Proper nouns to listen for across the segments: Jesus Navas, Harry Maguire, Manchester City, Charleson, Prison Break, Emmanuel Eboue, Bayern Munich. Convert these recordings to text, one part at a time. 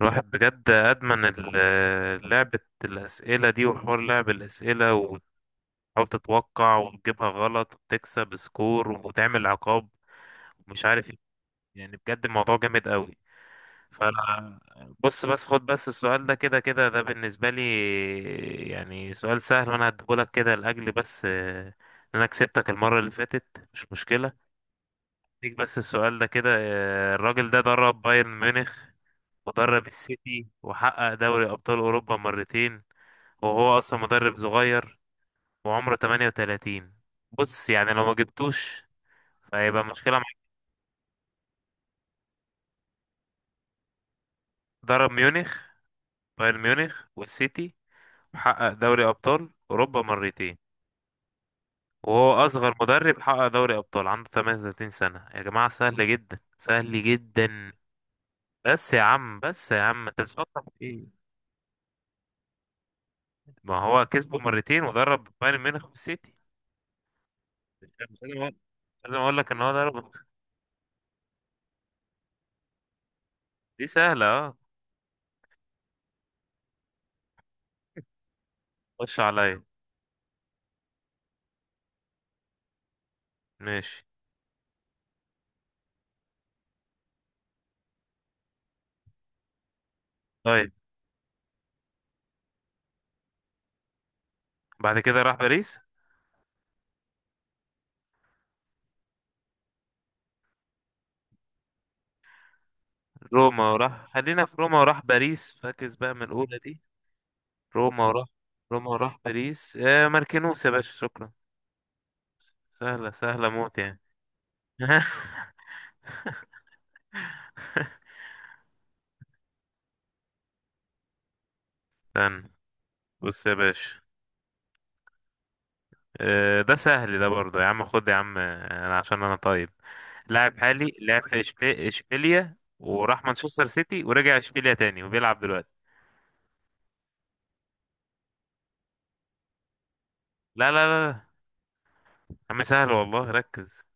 الواحد بجد أدمن لعبة الأسئلة دي وحوار لعب الأسئلة وتحاول تتوقع وتجيبها غلط وتكسب سكور وتعمل عقاب ومش عارف ايه. يعني بجد الموضوع جامد قوي. فأنا بص، بس خد بس السؤال ده، كده ده بالنسبة لي يعني سؤال سهل، وأنا هديهولك كده لأجل بس إن أنا كسبتك المرة اللي فاتت، مش مشكلة ليك. بس السؤال ده كده: الراجل ده درب بايرن ميونخ، مدرب السيتي، وحقق دوري أبطال أوروبا مرتين، وهو أصلا مدرب صغير وعمره 38. بص يعني لو ما جبتوش فهيبقى مشكلة معاك. درب ميونخ، بايرن ميونخ والسيتي، وحقق دوري أبطال أوروبا مرتين، وهو أصغر مدرب حقق دوري أبطال، عنده 38 سنة يا جماعة. سهل جدا، سهل جدا. بس يا عم، بس يا عم، أنت بتفكر في إيه؟ ما هو كسبه مرتين ودرب بايرن ميونخ والسيتي. مش لازم أقول، لازم أقول لك إن هو درب. دي سهلة اه. خش عليا. ماشي. طيب، بعد كده راح باريس. روما وراح، خلينا في روما وراح باريس. فاكس بقى من الأولى دي. روما وراح، روما وراح باريس. آه ماركينوس يا باشا، شكرا. سهلة، سهلة موت يعني. استنى، بص يا باشا. آه ده سهل ده برضه، يا عم خد يا عم، أنا عشان أنا طيب. لاعب حالي لعب في إشبيليا، وراح مانشستر سيتي، ورجع إشبيليا تاني، وبيلعب دلوقتي. لا لا لا لا. يا عم سهل والله، ركز.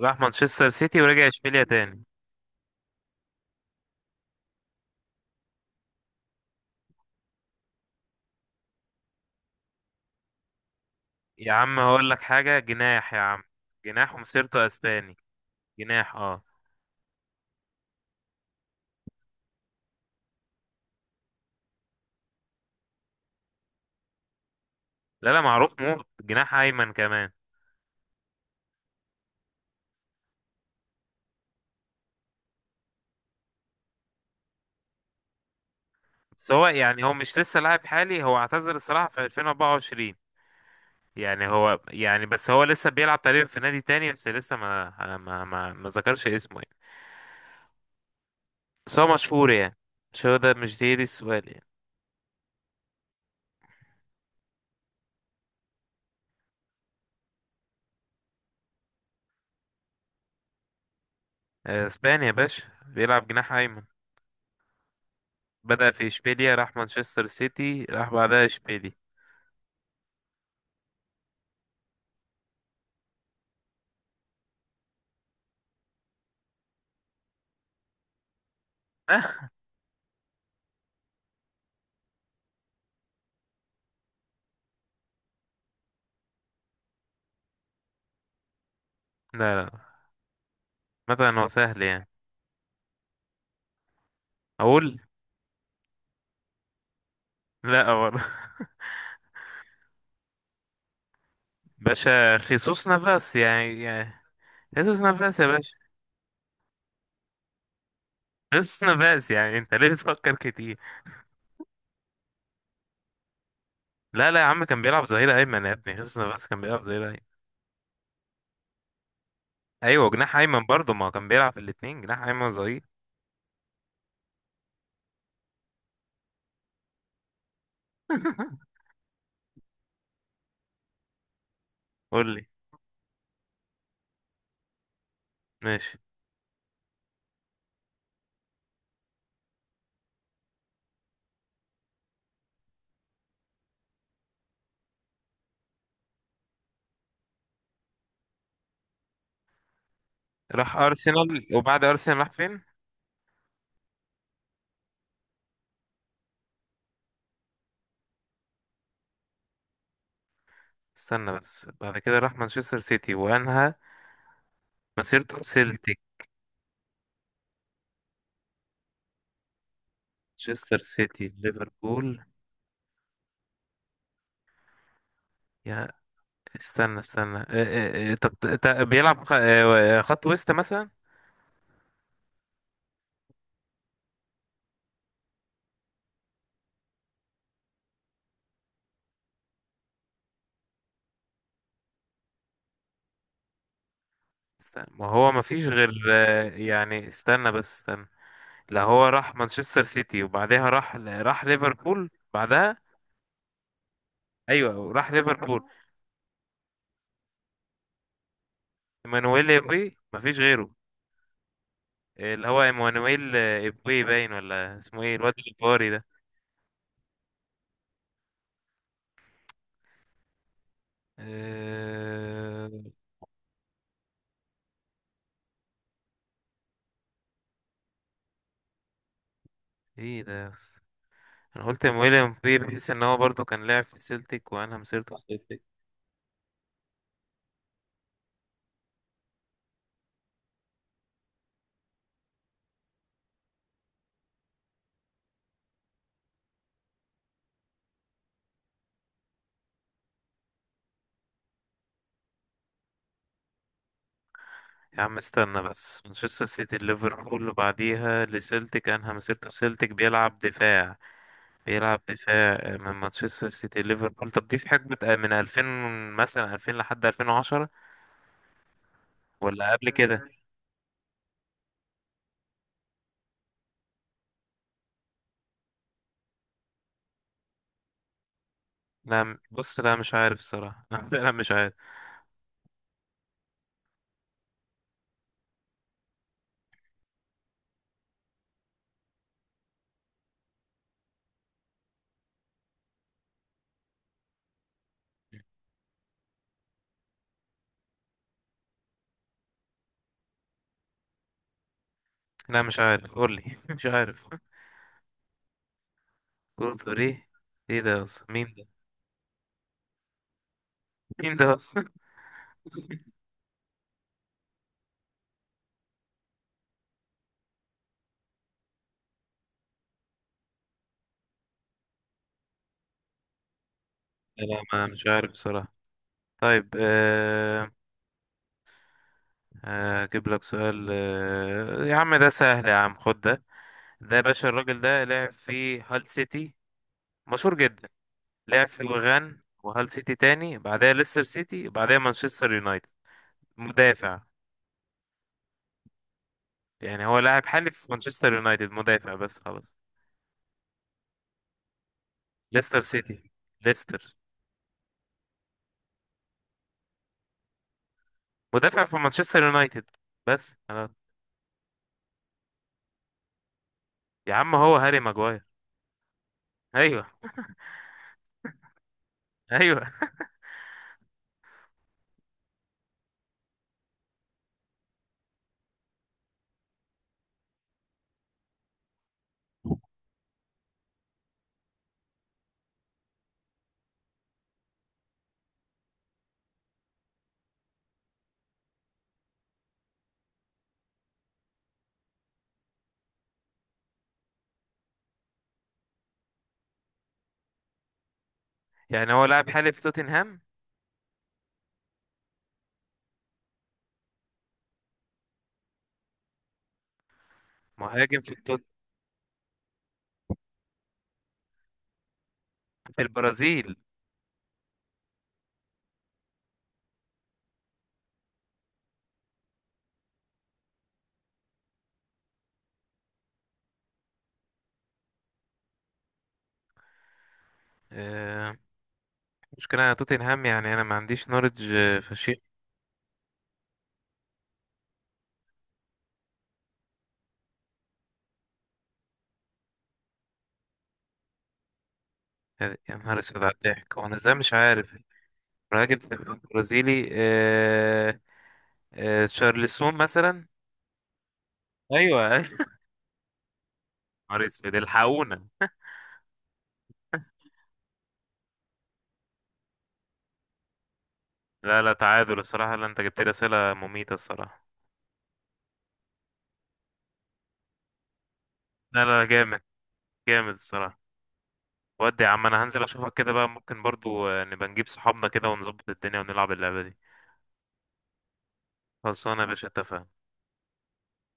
راح مانشستر سيتي ورجع إشبيليا تاني. يا عم هقول لك حاجة، جناح يا عم. جناح، ومسيرته اسباني. جناح اه. لا لا، معروف موت، جناح ايمن كمان. بس هو يعني، هو مش لسه لاعب حالي، هو اعتزل الصراحة في 2024. يعني هو يعني، بس هو لسه بيلعب تقريبا في نادي تاني، بس لسه ما ذكرش اسمه يعني. بس هو مشهور يعني. مش هو ده، مش دي السؤال يعني. اسباني يا باشا، بيلعب جناح ايمن. بدأ في اشبيليا، راح مانشستر سيتي، راح بعدها اشبيليا. لا لا. مثلا هو سهل يعني. اقول. لا برضه. باشا خيسوس نافاس يعني خيسوس نافاس يا باشا. خيسوس نافاس يعني، انت ليه بتفكر كتير؟ لا لا يا عم، كان بيلعب ظهير ايمن يا ابني. خيسوس نافاس كان بيلعب ظهير ايمن. ايوه جناح ايمن برضه، ما هو كان بيلعب في الاتنين، جناح ايمن، ظهير. قول لي. ماشي. راح ارسنال، وبعد ارسنال راح فين؟ استنى بس، بعد كده راح مانشستر سيتي وانهى مسيرته في سيلتيك. مانشستر سيتي، ليفربول. يا استنى استنى اه اه اه. طب بيلعب خط وسط مثلا. استنى، ما هو ما فيش غير يعني، استنى بس استنى. لا هو راح مانشستر سيتي وبعدها راح ليفربول بعدها. ايوه راح ليفربول. ايمانويل ايبوي، ما فيش غيره. اللي هو ايمانويل ايبوي، باين ولا اسمه ايه الواد الباري ده؟ آه، ايه ده يا أسطى؟ انا قلت ايمانويل ايبوي بحيث ان هو برضه كان لاعب في سيلتيك، وانا مسيرته في سيلتيك. يا عم استنى بس، مانشستر سيتي، ليفربول، وبعديها لسيلتيك، انهى مسيرته في سيلتيك. بيلعب دفاع، بيلعب دفاع، من مانشستر سيتي ليفربول. طب دي في حقبة من 2000 مثلا، 2000 لحد 2010، ولا قبل كده؟ لا بص، لا مش عارف الصراحة. لا فعلا مش عارف. لا مش عارف، قول لي. مش عارف. كول ايه؟ ايه ده اصلا، مين ده؟ مين ده اصلا؟ لا، ما مش عارف الصراحة. طيب اجيب لك سؤال. يا عم ده سهل، يا عم خد ده. ده يا باشا، الراجل ده لعب في هال سيتي، مشهور جدا، لعب في الغان وهال سيتي تاني، بعدها ليستر سيتي، بعدها مانشستر يونايتد، مدافع. يعني هو لاعب حالي في مانشستر يونايتد، مدافع، بس خلاص. ليستر سيتي. ليستر. مدافع في مانشستر يونايتد، بس خلاص. يا عم هو هاري ماجواير. ايوه. ايوه. يعني هو لاعب حالي في توتنهام. مهاجم في التوت، في البرازيل. آه. مشكلة انا توتنهام يعني، انا ما عنديش نولج فشيخ. يا نهار اسود على الضحك، وانا ازاي مش عارف؟ مهاجم برازيلي آه. تشارلسون مثلا. ايوه ايوه. نهار اسود، الحقونا. لا لا، تعادل الصراحه، لا، انت جبت لي اسئله مميته الصراحه. لا لا، جامد، جامد الصراحه. ودي يا عم انا هنزل اشوفك كده بقى، ممكن برضو نبقى نجيب صحابنا كده ونظبط الدنيا ونلعب اللعبه دي. خلصانه يا باشا، اتفقنا.